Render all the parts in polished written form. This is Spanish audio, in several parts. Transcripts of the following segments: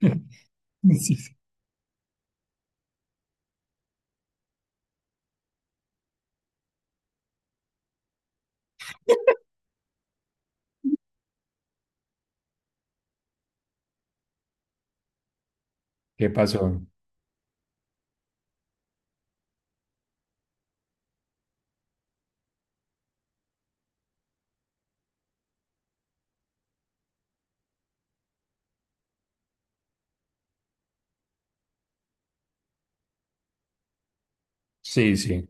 Sí, sí. ¿Qué pasó? Sí, sí.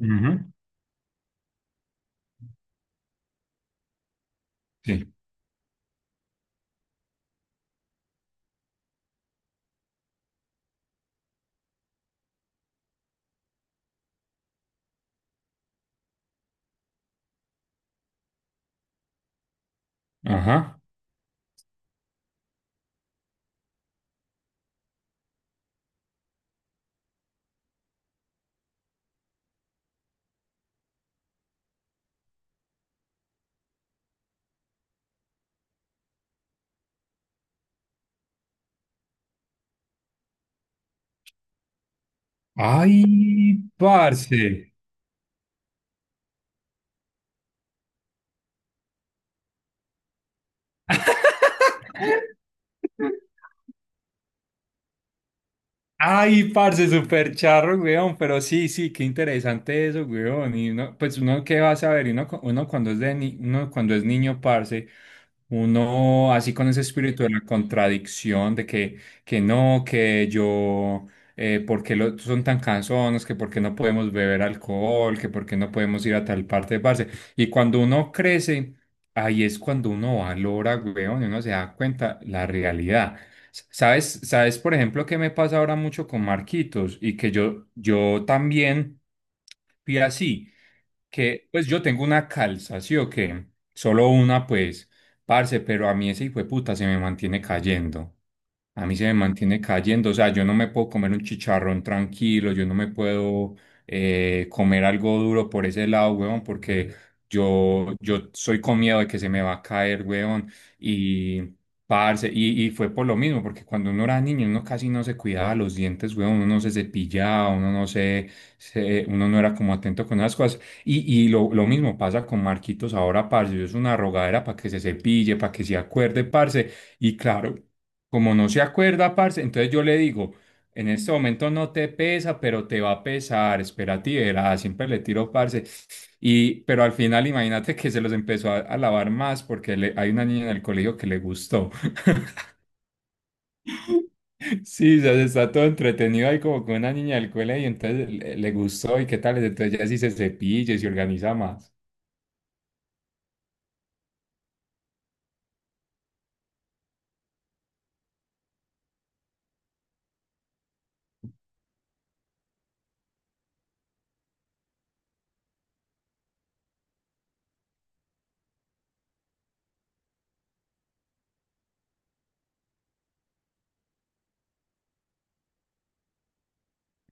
Ujú. Sí. Ajá. Ay, parce. Ay, parce, súper charro, weón, pero sí, sí, qué interesante eso, weón. Y uno, pues uno qué va a saber, y uno, uno cuando es de uno cuando es niño, parce, uno así con ese espíritu de la contradicción, de que no, que yo, porque lo, son tan cansones, que porque no podemos beber alcohol, que porque no podemos ir a tal parte, parce. Y cuando uno crece, ahí es cuando uno valora, weón, y uno se da cuenta la realidad. ¿Sabes, sabes, por ejemplo, qué me pasa ahora mucho con Marquitos y que yo, también fui así, que pues yo tengo una calza, ¿sí o qué? Solo una, pues, parce, pero a mí ese hijo de puta se me mantiene cayendo. A mí se me mantiene cayendo, o sea, yo no me puedo comer un chicharrón tranquilo, yo no me puedo comer algo duro por ese lado, weón, porque yo soy con miedo de que se me va a caer, weón. Y, parce, y fue por lo mismo, porque cuando uno era niño, uno casi no se cuidaba los dientes, weón, uno no se cepillaba, uno no uno no era como atento con las cosas. Y, lo mismo pasa con Marquitos ahora, parce, es una rogadera para que se cepille, para que se acuerde, parce. Y claro, como no se acuerda, parce, entonces yo le digo. En este momento no te pesa, pero te va a pesar. Espérate y verás, siempre le tiro parce. Y, pero al final, imagínate que se los empezó a lavar más porque hay una niña en el colegio que le gustó. Sí, ya se está todo entretenido ahí como con una niña del colegio, entonces le gustó y qué tal. Entonces ya sí se cepilla y se organiza más.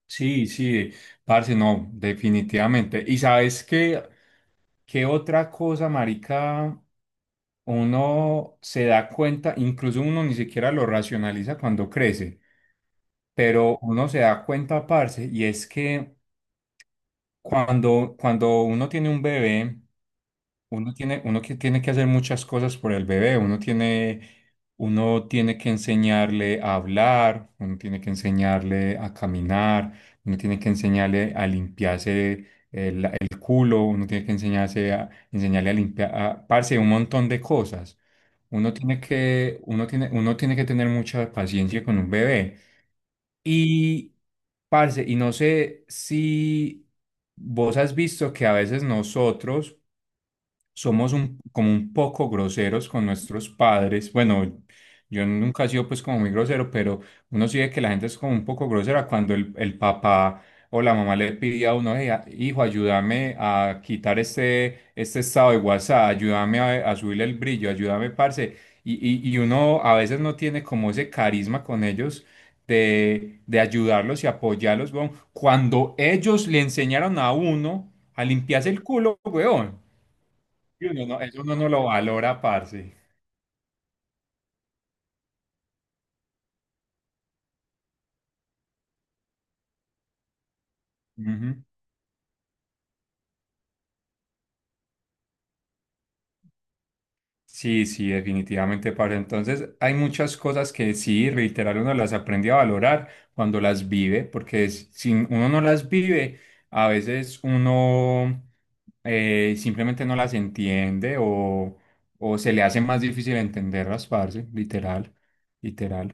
Sí, sí, parce, no, definitivamente. ¿Y sabes qué, qué otra cosa, marica? Uno se da cuenta, incluso uno ni siquiera lo racionaliza cuando crece, pero uno se da cuenta, parce, y es que cuando uno tiene un bebé, uno tiene, uno que tiene que hacer muchas cosas por el bebé, uno tiene que enseñarle a hablar, uno tiene que enseñarle a caminar, uno tiene que enseñarle a limpiarse el culo, uno tiene que enseñarse a, enseñarle a limpiar, a, parce, un montón de cosas. Uno tiene que tener mucha paciencia con un bebé. Y, parce, y no sé si vos has visto que a veces nosotros somos un, como un poco groseros con nuestros padres. Bueno, yo nunca he sido pues como muy grosero, pero uno sí ve que la gente es como un poco grosera cuando el papá o la mamá le pide a uno, "Hey, hijo, ayúdame a quitar este estado de WhatsApp, ayúdame a subirle el brillo, ayúdame, parce. Y uno a veces no tiene como ese carisma con ellos de ayudarlos y apoyarlos, weón. Cuando ellos le enseñaron a uno a limpiarse el culo, weón. Y uno no- eso uno no lo valora, parce. Ujú. Sí, sí, definitivamente, parce. Entonces, hay muchas cosas que sí, reiterar, uno las aprende a valorar cuando las vive, porque si uno no las vive, a veces uno simplemente no las entiende o se le hace más difícil entenderlas, parce, literal, literal.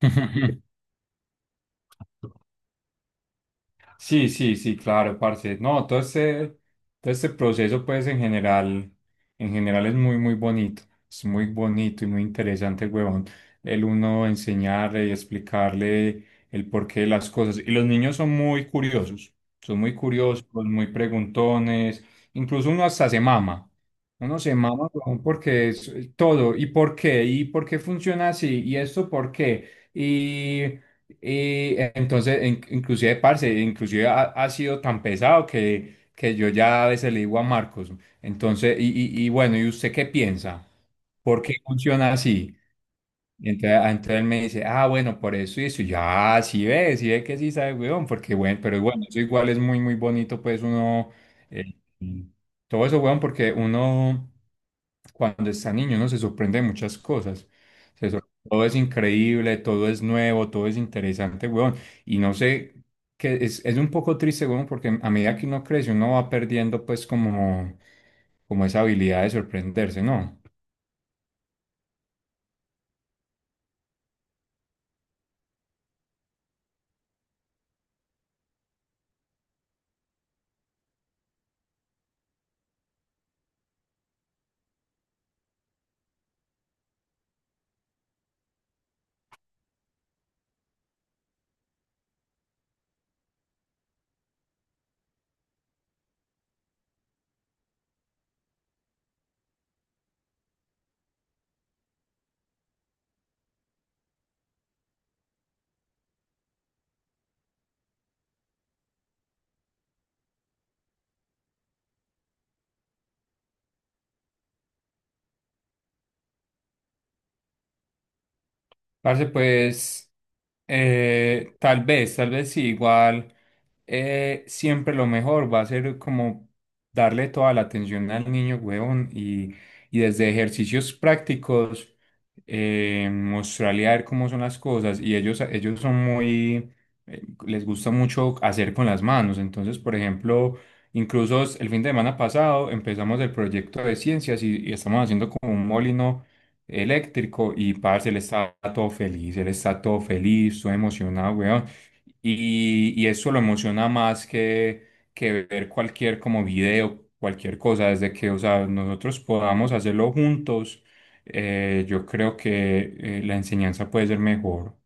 Sí, sí, sí, claro, parce. No, todo este proceso, pues, en general es muy, muy bonito. Es muy bonito y muy interesante, huevón. El uno enseñarle y explicarle el porqué de las cosas. Y los niños son muy curiosos. Son muy curiosos, muy preguntones. Incluso uno hasta se mama. Uno se mama, huevón, porque es todo. ¿Y por qué? ¿Y por qué funciona así? ¿Y esto por qué? Y entonces, inclusive, parce, inclusive ha sido tan pesado que yo ya a veces le digo a Marcos, entonces, y bueno, ¿y usted qué piensa? ¿Por qué funciona así? Y entonces, ah, entonces él me dice, ah, bueno, por eso y eso. Y yo, ah, sí ve que sí sabe, weón, porque bueno, pero bueno, eso igual es muy, muy bonito, pues uno, eh, todo eso, weón, porque uno, cuando está niño, uno se sorprende de muchas cosas. Todo es increíble, todo es nuevo, todo es interesante, weón. Y no sé, que es un poco triste, weón, porque a medida que uno crece, uno va perdiendo, pues, como, como esa habilidad de sorprenderse, ¿no? Parce, pues. Tal vez, tal vez sí, igual siempre lo mejor va a ser como darle toda la atención al niño, huevón, y desde ejercicios prácticos mostrarle a ver cómo son las cosas. Y ellos son muy, les gusta mucho hacer con las manos. Entonces, por ejemplo, incluso el fin de semana pasado empezamos el proyecto de ciencias y estamos haciendo como un molino eléctrico y parce, él está todo feliz, él está todo feliz, todo emocionado, weón. Y eso lo emociona más que ver cualquier como video, cualquier cosa, desde que, o sea, nosotros podamos hacerlo juntos, yo creo que la enseñanza puede ser mejor.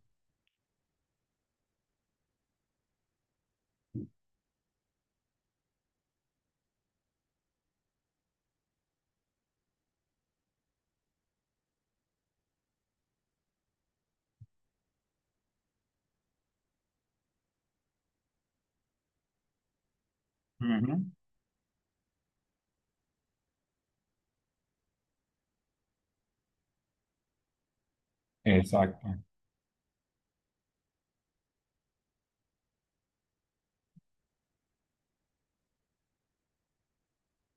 Exacto.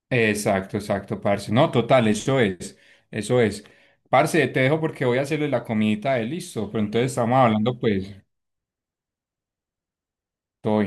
Exacto, exacto, parce. No, total, eso es, eso es. Parce, te dejo porque voy a hacerle la comidita de listo, pero entonces estamos hablando, pues, todo bien.